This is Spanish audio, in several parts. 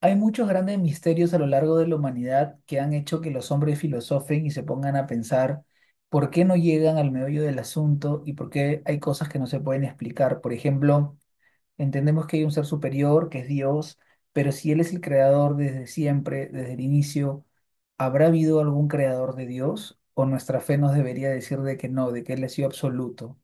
Hay muchos grandes misterios a lo largo de la humanidad que han hecho que los hombres filosofen y se pongan a pensar por qué no llegan al meollo del asunto y por qué hay cosas que no se pueden explicar. Por ejemplo, entendemos que hay un ser superior, que es Dios, pero si Él es el creador desde siempre, desde el inicio, ¿habrá habido algún creador de Dios? ¿O nuestra fe nos debería decir de que no, de que Él ha sido absoluto?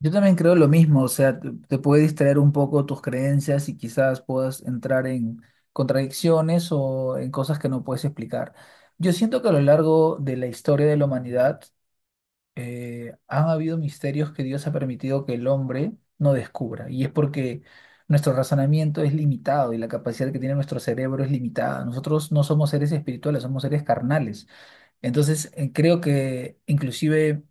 Yo también creo lo mismo, o sea, te puede distraer un poco tus creencias y quizás puedas entrar en contradicciones o en cosas que no puedes explicar. Yo siento que a lo largo de la historia de la humanidad han habido misterios que Dios ha permitido que el hombre no descubra y es porque nuestro razonamiento es limitado y la capacidad que tiene nuestro cerebro es limitada. Nosotros no somos seres espirituales, somos seres carnales. Entonces, creo que inclusive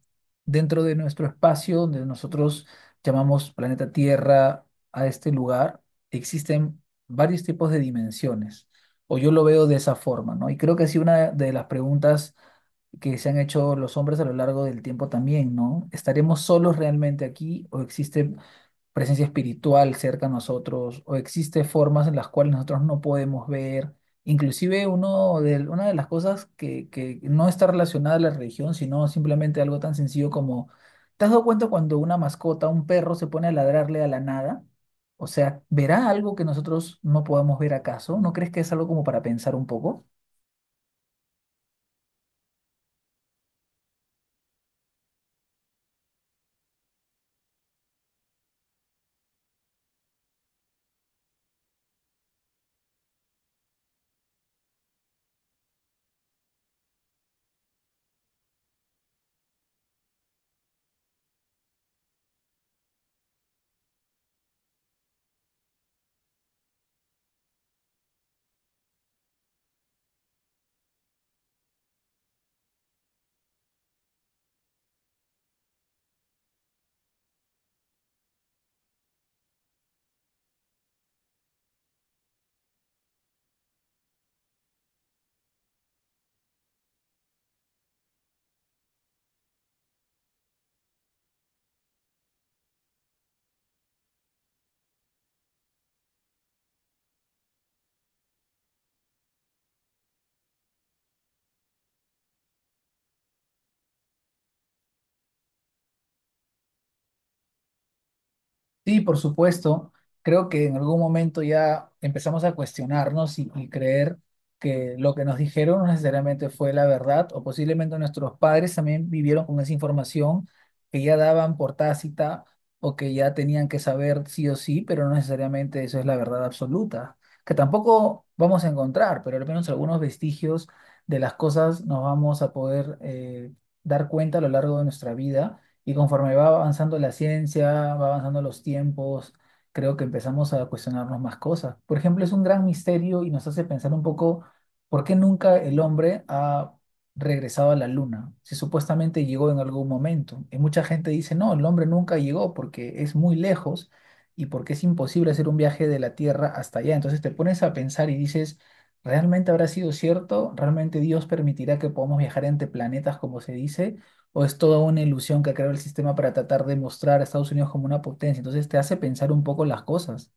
dentro de nuestro espacio, donde nosotros llamamos planeta Tierra a este lugar, existen varios tipos de dimensiones, o yo lo veo de esa forma, ¿no? Y creo que sí, una de las preguntas que se han hecho los hombres a lo largo del tiempo también, ¿no? ¿Estaremos solos realmente aquí o existe presencia espiritual cerca de nosotros o existe formas en las cuales nosotros no podemos ver. Inclusive una de las cosas que no está relacionada a la religión, sino simplemente algo tan sencillo como, ¿te has dado cuenta cuando una mascota, un perro, se pone a ladrarle a la nada? O sea, ¿verá algo que nosotros no podamos ver acaso? ¿No crees que es algo como para pensar un poco? Sí, por supuesto. Creo que en algún momento ya empezamos a cuestionarnos y creer que lo que nos dijeron no necesariamente fue la verdad, o posiblemente nuestros padres también vivieron con esa información que ya daban por tácita o que ya tenían que saber sí o sí, pero no necesariamente eso es la verdad absoluta, que tampoco vamos a encontrar, pero al menos algunos vestigios de las cosas nos vamos a poder dar cuenta a lo largo de nuestra vida y conforme va avanzando la ciencia, va avanzando los tiempos, creo que empezamos a cuestionarnos más cosas. Por ejemplo, es un gran misterio y nos hace pensar un poco por qué nunca el hombre ha regresado a la luna, si supuestamente llegó en algún momento. Y mucha gente dice, no, el hombre nunca llegó porque es muy lejos y porque es imposible hacer un viaje de la Tierra hasta allá. Entonces te pones a pensar y dices, ¿realmente habrá sido cierto? ¿Realmente Dios permitirá que podamos viajar entre planetas, como se dice? O es toda una ilusión que ha creado el sistema para tratar de mostrar a Estados Unidos como una potencia. Entonces te hace pensar un poco las cosas.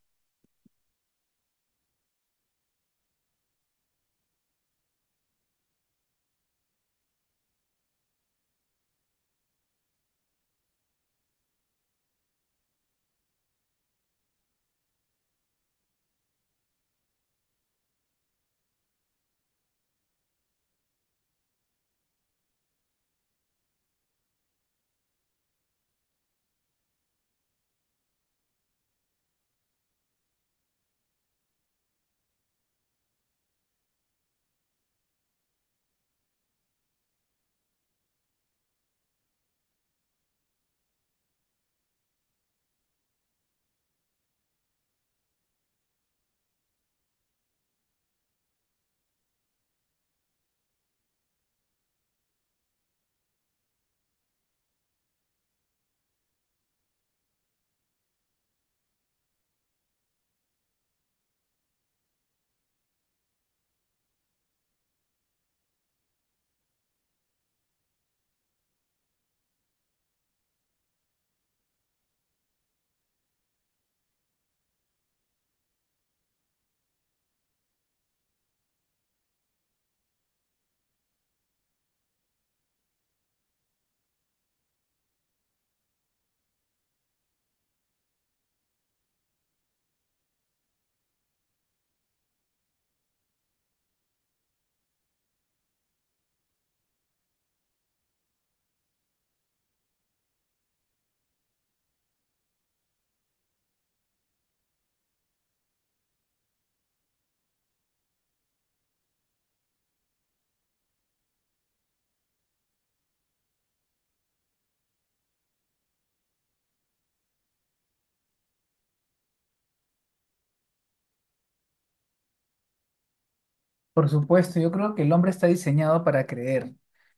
Por supuesto, yo creo que el hombre está diseñado para creer.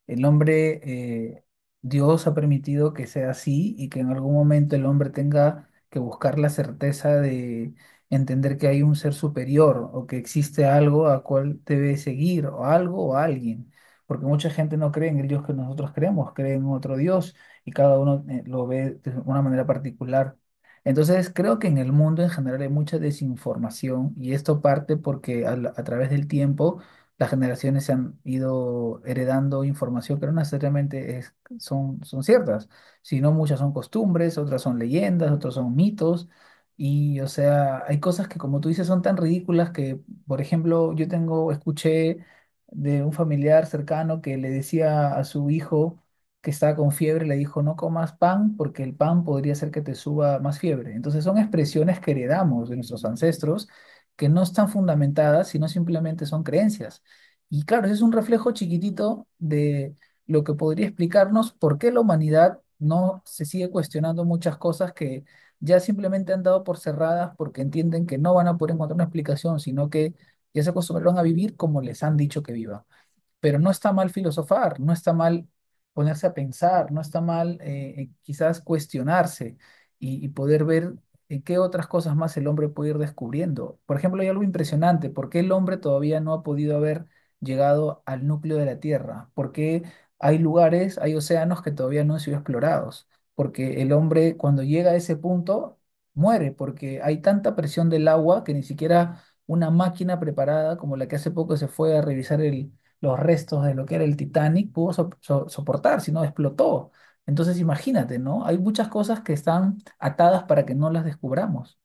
El hombre, Dios ha permitido que sea así y que en algún momento el hombre tenga que buscar la certeza de entender que hay un ser superior o que existe algo a cual debe seguir o algo o alguien. Porque mucha gente no cree en el Dios que nosotros creemos, cree en otro Dios y cada uno lo ve de una manera particular. Entonces, creo que en el mundo en general hay mucha desinformación y esto parte porque a través del tiempo las generaciones se han ido heredando información que no necesariamente son, son ciertas, sino muchas son costumbres, otras son leyendas, otras son mitos y, o sea, hay cosas que como tú dices son tan ridículas que, por ejemplo, escuché de un familiar cercano que le decía a su hijo que estaba con fiebre, le dijo, no comas pan porque el pan podría hacer que te suba más fiebre. Entonces son expresiones que heredamos de nuestros ancestros que no están fundamentadas, sino simplemente son creencias. Y claro, ese es un reflejo chiquitito de lo que podría explicarnos por qué la humanidad no se sigue cuestionando muchas cosas que ya simplemente han dado por cerradas porque entienden que no van a poder encontrar una explicación, sino que ya se acostumbraron a vivir como les han dicho que vivan pero no está mal filosofar, no está mal ponerse a pensar, no está mal quizás cuestionarse y poder ver en qué otras cosas más el hombre puede ir descubriendo. Por ejemplo, hay algo impresionante, ¿por qué el hombre todavía no ha podido haber llegado al núcleo de la Tierra? ¿Por qué hay lugares, hay océanos que todavía no han sido explorados? Porque el hombre cuando llega a ese punto muere, porque hay tanta presión del agua que ni siquiera una máquina preparada como la que hace poco se fue a revisar los restos de lo que era el Titanic pudo soportar, si no explotó. Entonces imagínate, ¿no? Hay muchas cosas que están atadas para que no las descubramos.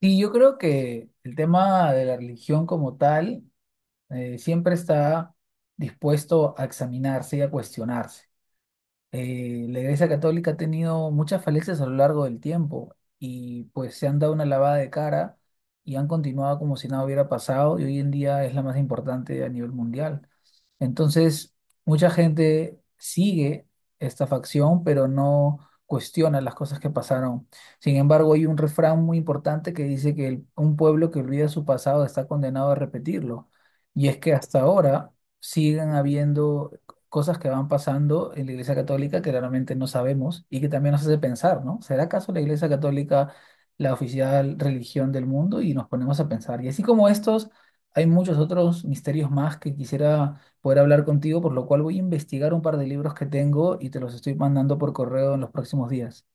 Y yo creo que el tema de la religión como tal siempre está dispuesto a examinarse y a cuestionarse. La Iglesia Católica ha tenido muchas falencias a lo largo del tiempo y pues se han dado una lavada de cara y han continuado como si nada hubiera pasado y hoy en día es la más importante a nivel mundial. Entonces, mucha gente sigue esta facción, pero no cuestiona las cosas que pasaron. Sin embargo, hay un refrán muy importante que dice que un pueblo que olvida su pasado está condenado a repetirlo. Y es que hasta ahora siguen habiendo cosas que van pasando en la Iglesia Católica que realmente no sabemos y que también nos hace pensar, ¿no? ¿Será acaso la Iglesia Católica la oficial religión del mundo? Y nos ponemos a pensar. Y así como estos, hay muchos otros misterios más que quisiera poder hablar contigo, por lo cual voy a investigar un par de libros que tengo y te los estoy mandando por correo en los próximos días.